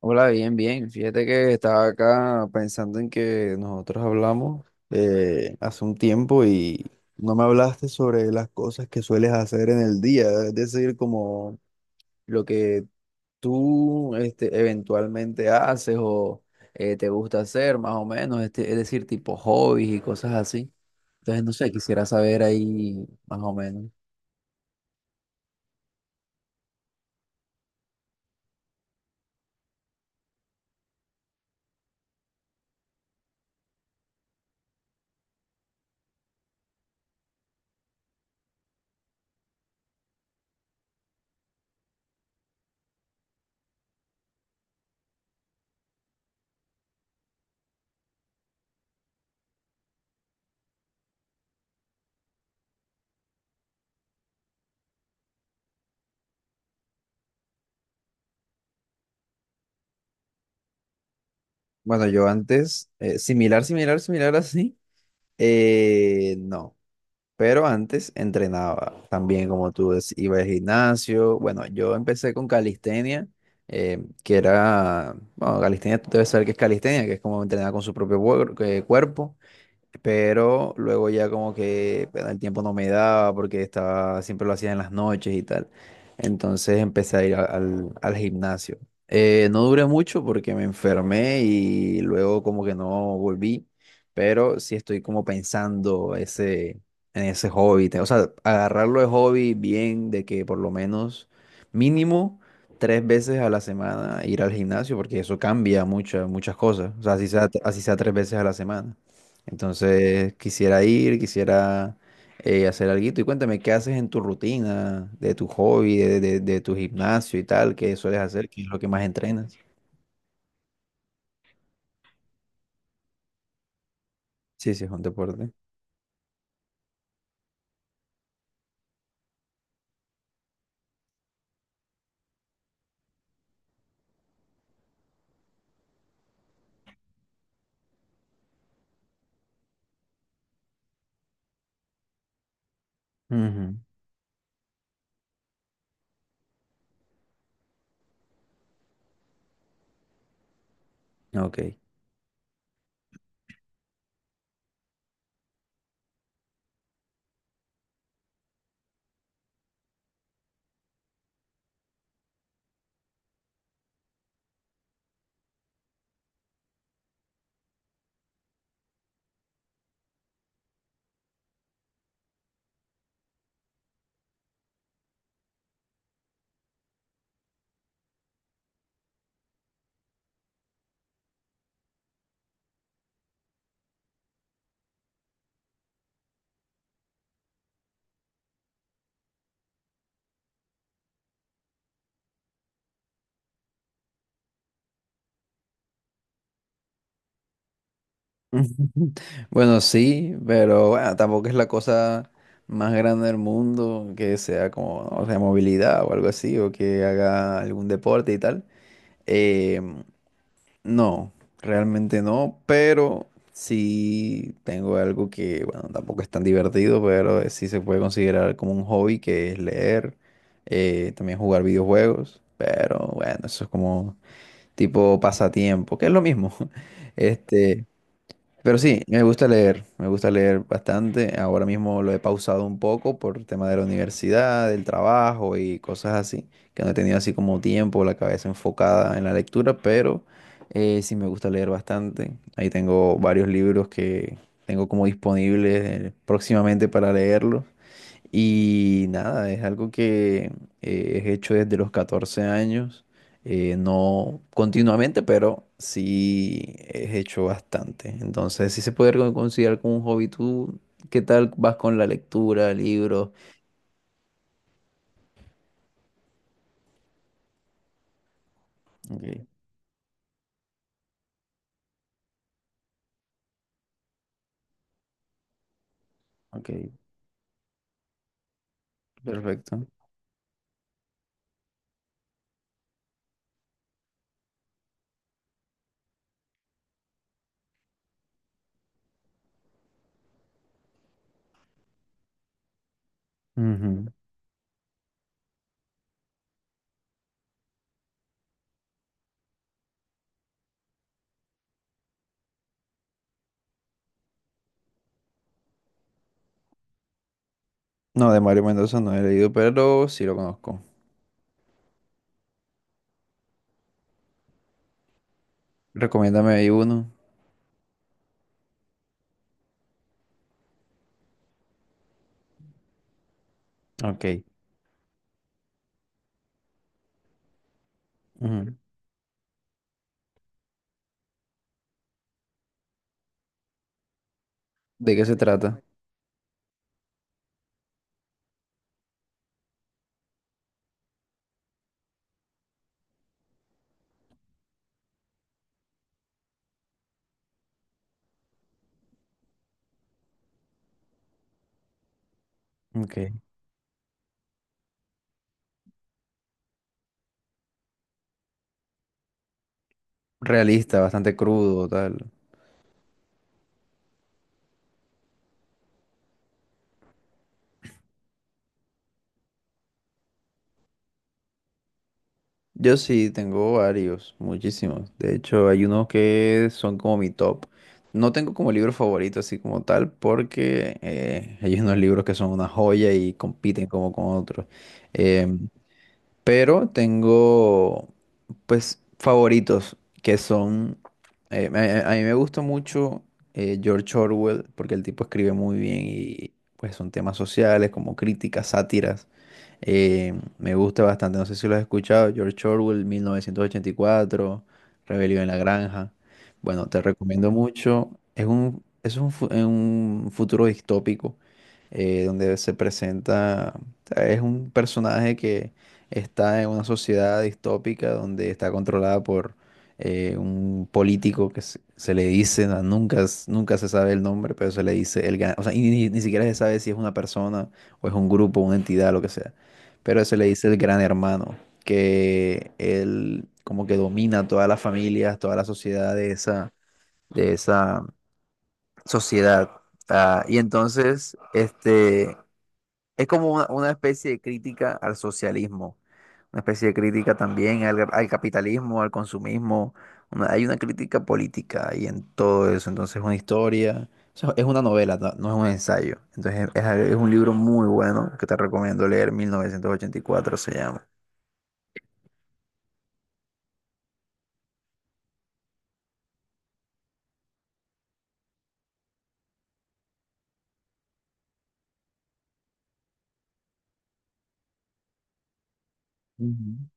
Hola, bien, bien. Fíjate que estaba acá pensando en que nosotros hablamos hace un tiempo y no me hablaste sobre las cosas que sueles hacer en el día, es decir, como lo que tú eventualmente haces o te gusta hacer, más o menos, este, es decir, tipo hobbies y cosas así. Entonces, no sé, quisiera saber ahí más o menos. Bueno, yo antes, similar así, no. Pero antes entrenaba también, como tú decías, iba al gimnasio. Bueno, yo empecé con calistenia, que era, bueno, calistenia, tú debes saber qué es calistenia, que es como entrenar con su propio cuerpo, pero luego ya como que bueno, el tiempo no me daba porque estaba, siempre lo hacía en las noches y tal. Entonces empecé a ir al gimnasio. No duré mucho porque me enfermé y luego como que no volví, pero sí estoy como en ese hobby. O sea, agarrarlo de hobby bien, de que por lo menos mínimo tres veces a la semana ir al gimnasio, porque eso cambia muchas cosas. O sea, así sea tres veces a la semana. Entonces quisiera ir, quisiera hacer algo. Y cuéntame, ¿qué haces en tu rutina, de tu hobby, de tu gimnasio y tal? ¿Qué sueles hacer? ¿Qué es lo que más entrenas? Sí, sí, es un deporte. Ujú, ok. Bueno, sí, pero bueno, tampoco es la cosa más grande del mundo que sea como, o sea, movilidad o algo así, o que haga algún deporte y tal. Em, No, realmente no, pero sí tengo algo que, bueno, tampoco es tan divertido, pero sí se puede considerar como un hobby, que es leer, también jugar videojuegos, pero bueno, eso es como tipo pasatiempo, que es lo mismo. Este, pero sí, me gusta leer bastante. Ahora mismo lo he pausado un poco por tema de la universidad, del trabajo y cosas así, que no he tenido así como tiempo, la cabeza enfocada en la lectura, pero sí me gusta leer bastante. Ahí tengo varios libros que tengo como disponibles próximamente para leerlos. Y nada, es algo que he hecho desde los 14 años, no continuamente, pero sí he hecho bastante. Entonces, sí se puede considerar como un hobby. ¿Tú qué tal vas con la lectura, libros? Ok, ok, perfecto. Ujú. No, de Mario Mendoza no he leído, pero sí lo conozco. Recomiéndame ahí uno. Ok. Ujú. ¿De qué se trata? Ok. Realista, bastante crudo, tal. Yo sí tengo varios, muchísimos. De hecho, hay unos que son como mi top. No tengo como libro favorito así como tal, porque hay unos libros que son una joya y compiten como con otros. Em, pero tengo, pues, favoritos que son... a mí me gusta mucho George Orwell, porque el tipo escribe muy bien y pues son temas sociales como críticas, sátiras. Eh, me gusta bastante, no sé si lo has escuchado, George Orwell, 1984, Rebelión en la Granja. Bueno, te recomiendo mucho. Es un, es un, es un futuro distópico donde se presenta, o sea, es un personaje que está en una sociedad distópica donde está controlada por un político que se le dice, no, nunca, nunca se sabe el nombre, pero se le dice o sea, y ni siquiera se sabe si es una persona o es un grupo, una entidad, lo que sea. Pero se le dice el gran hermano, que él como que domina todas las familias, toda la sociedad de esa sociedad. Ah, y entonces, es como una especie de crítica al socialismo, una especie de crítica también al capitalismo, al consumismo. Hay una crítica política ahí en todo eso. Entonces es una historia, o sea, es una novela, no, no es un ensayo. Entonces es un libro muy bueno que te recomiendo leer, 1984 se llama. Ujú.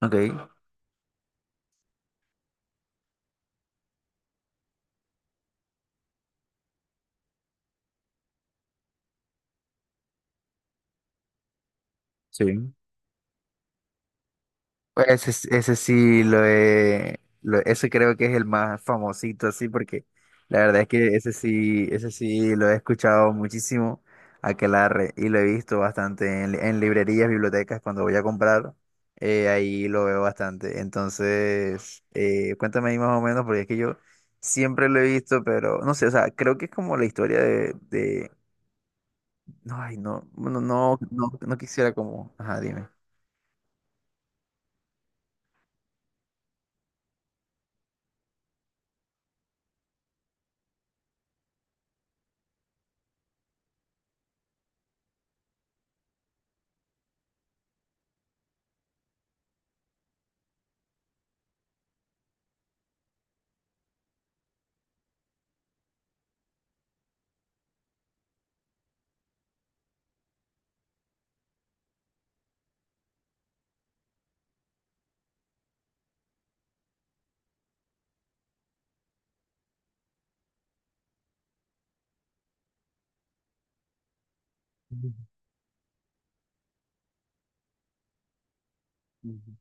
Ok. Sí. Pues ese sí lo he, ese creo que es el más famosito así porque la verdad es que ese sí lo he escuchado muchísimo, aquelarre, y lo he visto bastante en librerías, bibliotecas cuando voy a comprar, ahí lo veo bastante. Entonces, cuéntame ahí más o menos porque es que yo siempre lo he visto, pero no sé, o sea, creo que es como la historia no, ay, no quisiera como, ajá, dime. Ujú.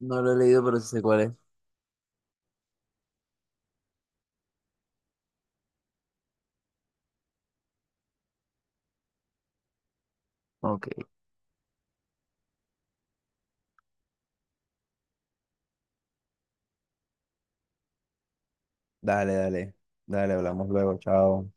No lo he leído, pero sí sé cuál es. Ok. Dale, dale, dale, hablamos luego, chao.